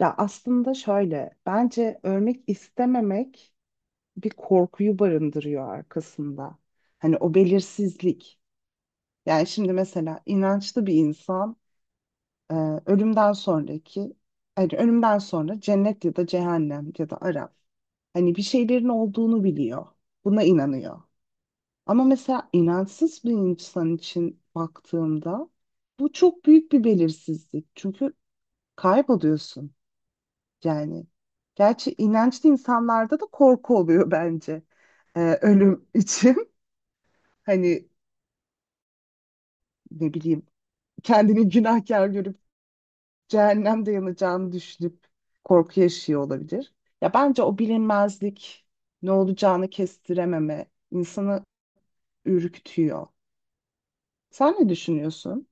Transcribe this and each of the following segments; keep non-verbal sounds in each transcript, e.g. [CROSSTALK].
Ya aslında şöyle, bence örmek istememek bir korkuyu barındırıyor arkasında. Hani o belirsizlik. Yani şimdi mesela inançlı bir insan e, ölümden sonraki, hani ölümden sonra cennet ya da cehennem ya da Araf. Hani bir şeylerin olduğunu biliyor. Buna inanıyor. Ama mesela inançsız bir insan için baktığımda bu çok büyük bir belirsizlik. Çünkü kayboluyorsun. Yani gerçi inançlı insanlarda da korku oluyor bence ölüm için. [LAUGHS] Hani ne bileyim kendini günahkar görüp cehennemde yanacağını düşünüp korku yaşıyor olabilir. Ya bence o bilinmezlik ne olacağını kestirememe insanı ürkütüyor. Sen ne düşünüyorsun?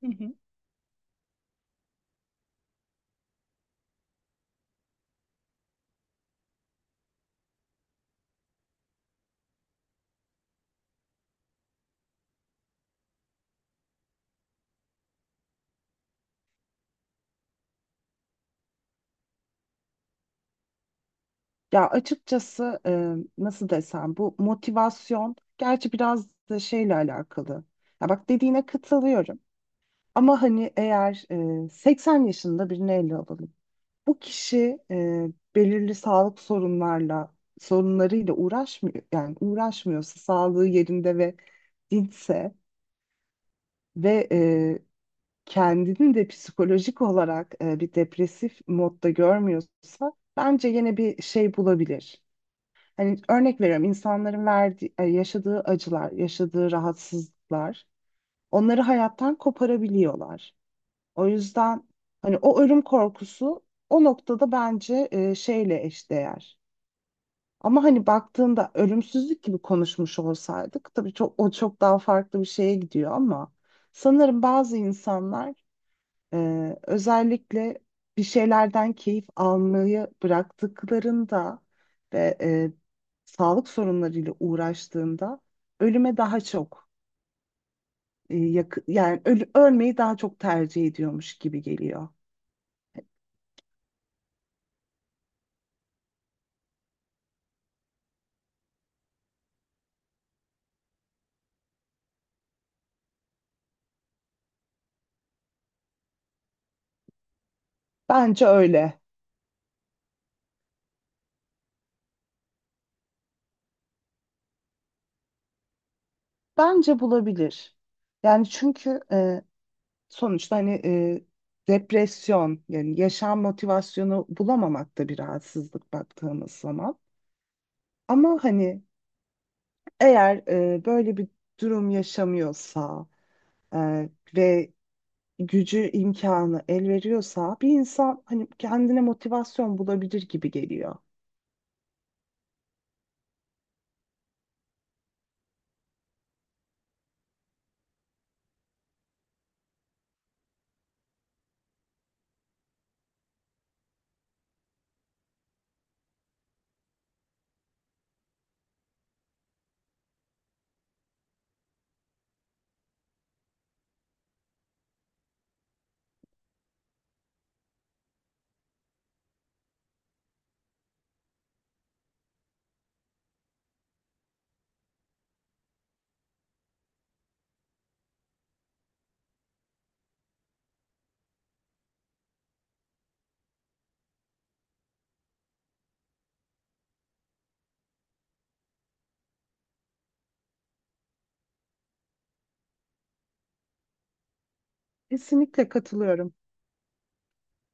Hı hı. Ya açıkçası nasıl desem bu motivasyon gerçi biraz da şeyle alakalı. Ya bak dediğine katılıyorum. Ama hani eğer 80 yaşında birini ele alalım. Bu kişi belirli sağlık sorunlarıyla uğraşmıyor yani uğraşmıyorsa sağlığı yerinde ve dinçse ve kendini de psikolojik olarak bir depresif modda görmüyorsa bence yine bir şey bulabilir. Hani örnek veriyorum insanların verdiği, yaşadığı acılar, yaşadığı rahatsızlıklar onları hayattan koparabiliyorlar. O yüzden hani o ölüm korkusu o noktada bence şeyle eşdeğer. Ama hani baktığında ölümsüzlük gibi konuşmuş olsaydık tabii çok o çok daha farklı bir şeye gidiyor ama sanırım bazı insanlar özellikle bir şeylerden keyif almayı bıraktıklarında ve sağlık sorunlarıyla uğraştığında ölüme daha çok ölmeyi daha çok tercih ediyormuş gibi geliyor. Bence öyle. Bence bulabilir. Yani çünkü sonuçta hani depresyon yani yaşam motivasyonu bulamamak da bir rahatsızlık baktığımız zaman. Ama hani eğer böyle bir durum yaşamıyorsa e, ve gücü imkanı el veriyorsa bir insan hani kendine motivasyon bulabilir gibi geliyor. Kesinlikle katılıyorum.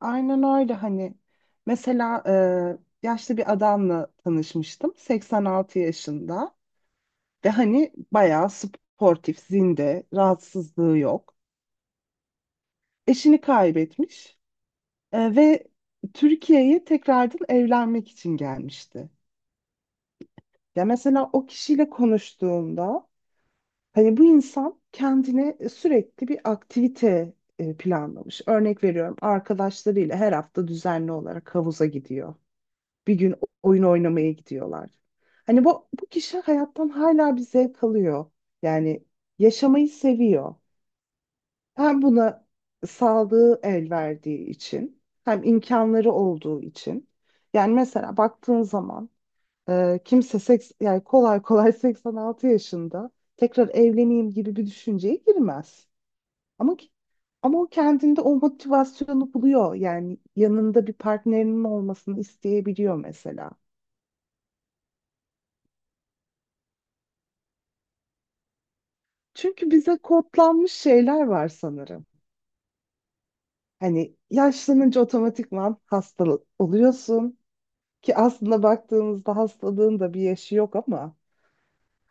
Aynen öyle hani. Mesela yaşlı bir adamla tanışmıştım. 86 yaşında ve hani bayağı sportif, zinde, rahatsızlığı yok. Eşini kaybetmiş ve Türkiye'ye tekrardan evlenmek için gelmişti. Ya mesela o kişiyle konuştuğumda hani bu insan kendine sürekli bir aktivite planlamış. Örnek veriyorum arkadaşlarıyla her hafta düzenli olarak havuza gidiyor. Bir gün oyun oynamaya gidiyorlar. Hani bu kişi hayattan hala bir zevk alıyor. Yani yaşamayı seviyor. Hem buna sağlığı el verdiği için hem imkanları olduğu için. Yani mesela baktığın zaman kimse seks, yani kolay kolay [LAUGHS] 86 yaşında tekrar evleneyim gibi bir düşünceye girmez. Ama ki- ama o kendinde o motivasyonu buluyor. Yani yanında bir partnerinin olmasını isteyebiliyor mesela. Çünkü bize kodlanmış şeyler var sanırım. Hani yaşlanınca otomatikman hasta oluyorsun ki aslında baktığımızda hastalığın da bir yaşı yok ama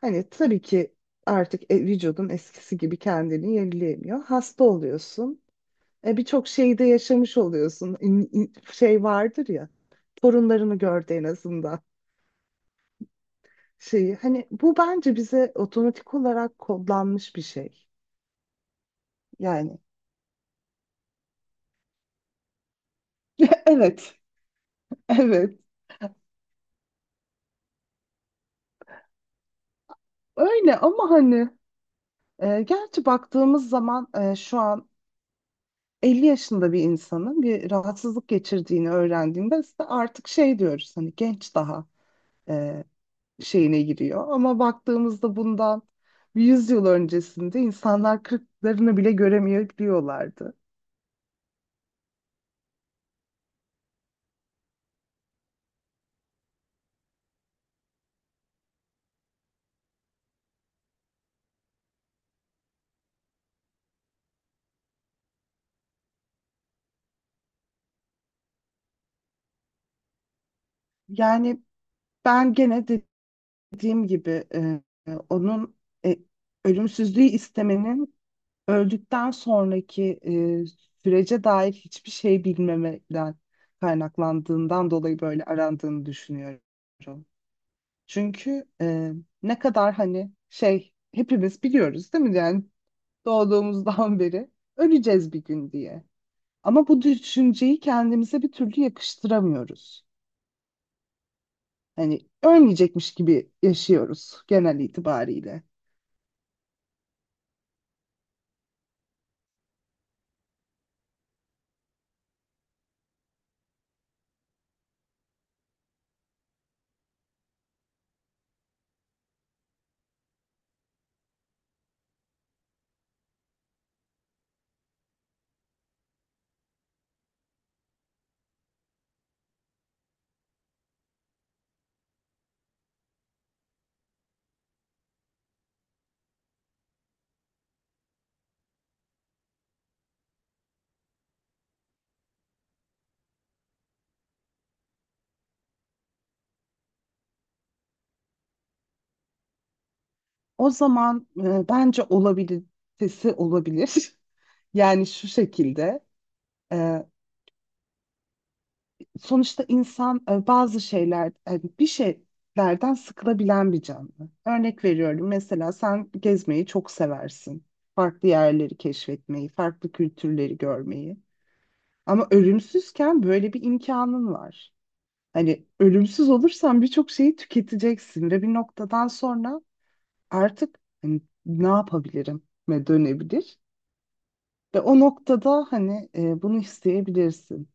hani tabii ki artık vücudun eskisi gibi kendini yenileyemiyor. Hasta oluyorsun. Birçok şeyi de yaşamış oluyorsun. Şey vardır ya torunlarını gördü en azından şeyi. Hani bu bence bize otomatik olarak kodlanmış bir şey. Yani [LAUGHS] evet, evet. Öyle ama hani gerçi baktığımız zaman şu an 50 yaşında bir insanın bir rahatsızlık geçirdiğini öğrendiğinde işte artık şey diyoruz hani genç daha e, şeyine giriyor. Ama baktığımızda bundan 100 yıl öncesinde insanlar kırklarını bile göremeyebiliyorlardı. Yani ben gene dediğim gibi onun e, ölümsüzlüğü istemenin öldükten sonraki e, sürece dair hiçbir şey bilmemeden kaynaklandığından dolayı böyle arandığını düşünüyorum. Çünkü ne kadar hani şey hepimiz biliyoruz değil mi? Yani doğduğumuzdan [LAUGHS] beri öleceğiz bir gün diye. Ama bu düşünceyi kendimize bir türlü yakıştıramıyoruz. Hani ölmeyecekmiş gibi yaşıyoruz genel itibariyle. O zaman bence olabilitesi olabilir. [LAUGHS] Yani şu şekilde. e, Sonuçta insan bazı şeyler hani bir şeylerden sıkılabilen bir canlı. Örnek veriyorum mesela sen gezmeyi çok seversin. Farklı yerleri keşfetmeyi, farklı kültürleri görmeyi. Ama ölümsüzken böyle bir imkanın var. Hani ölümsüz olursan birçok şeyi tüketeceksin ve bir noktadan sonra artık hani, ne yapabilirim ve dönebilir. Ve o noktada hani bunu isteyebilirsin.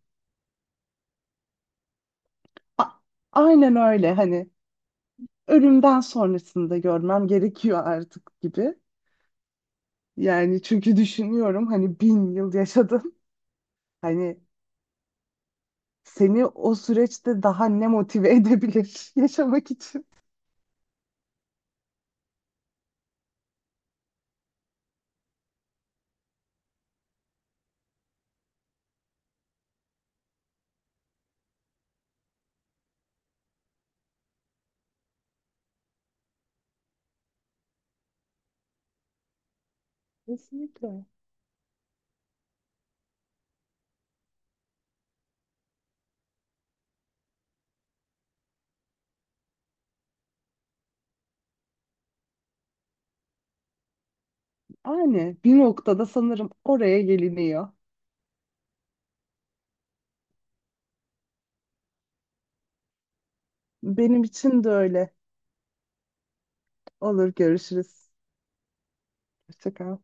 A- aynen öyle hani ölümden sonrasını da görmem gerekiyor artık gibi. Yani çünkü düşünüyorum hani 1.000 yıl yaşadın. [LAUGHS] Hani seni o süreçte daha ne motive edebilir [LAUGHS] yaşamak için? Kesinlikle. Yani bir noktada sanırım oraya geliniyor. Benim için de öyle. Olur, görüşürüz. Hoşça kal.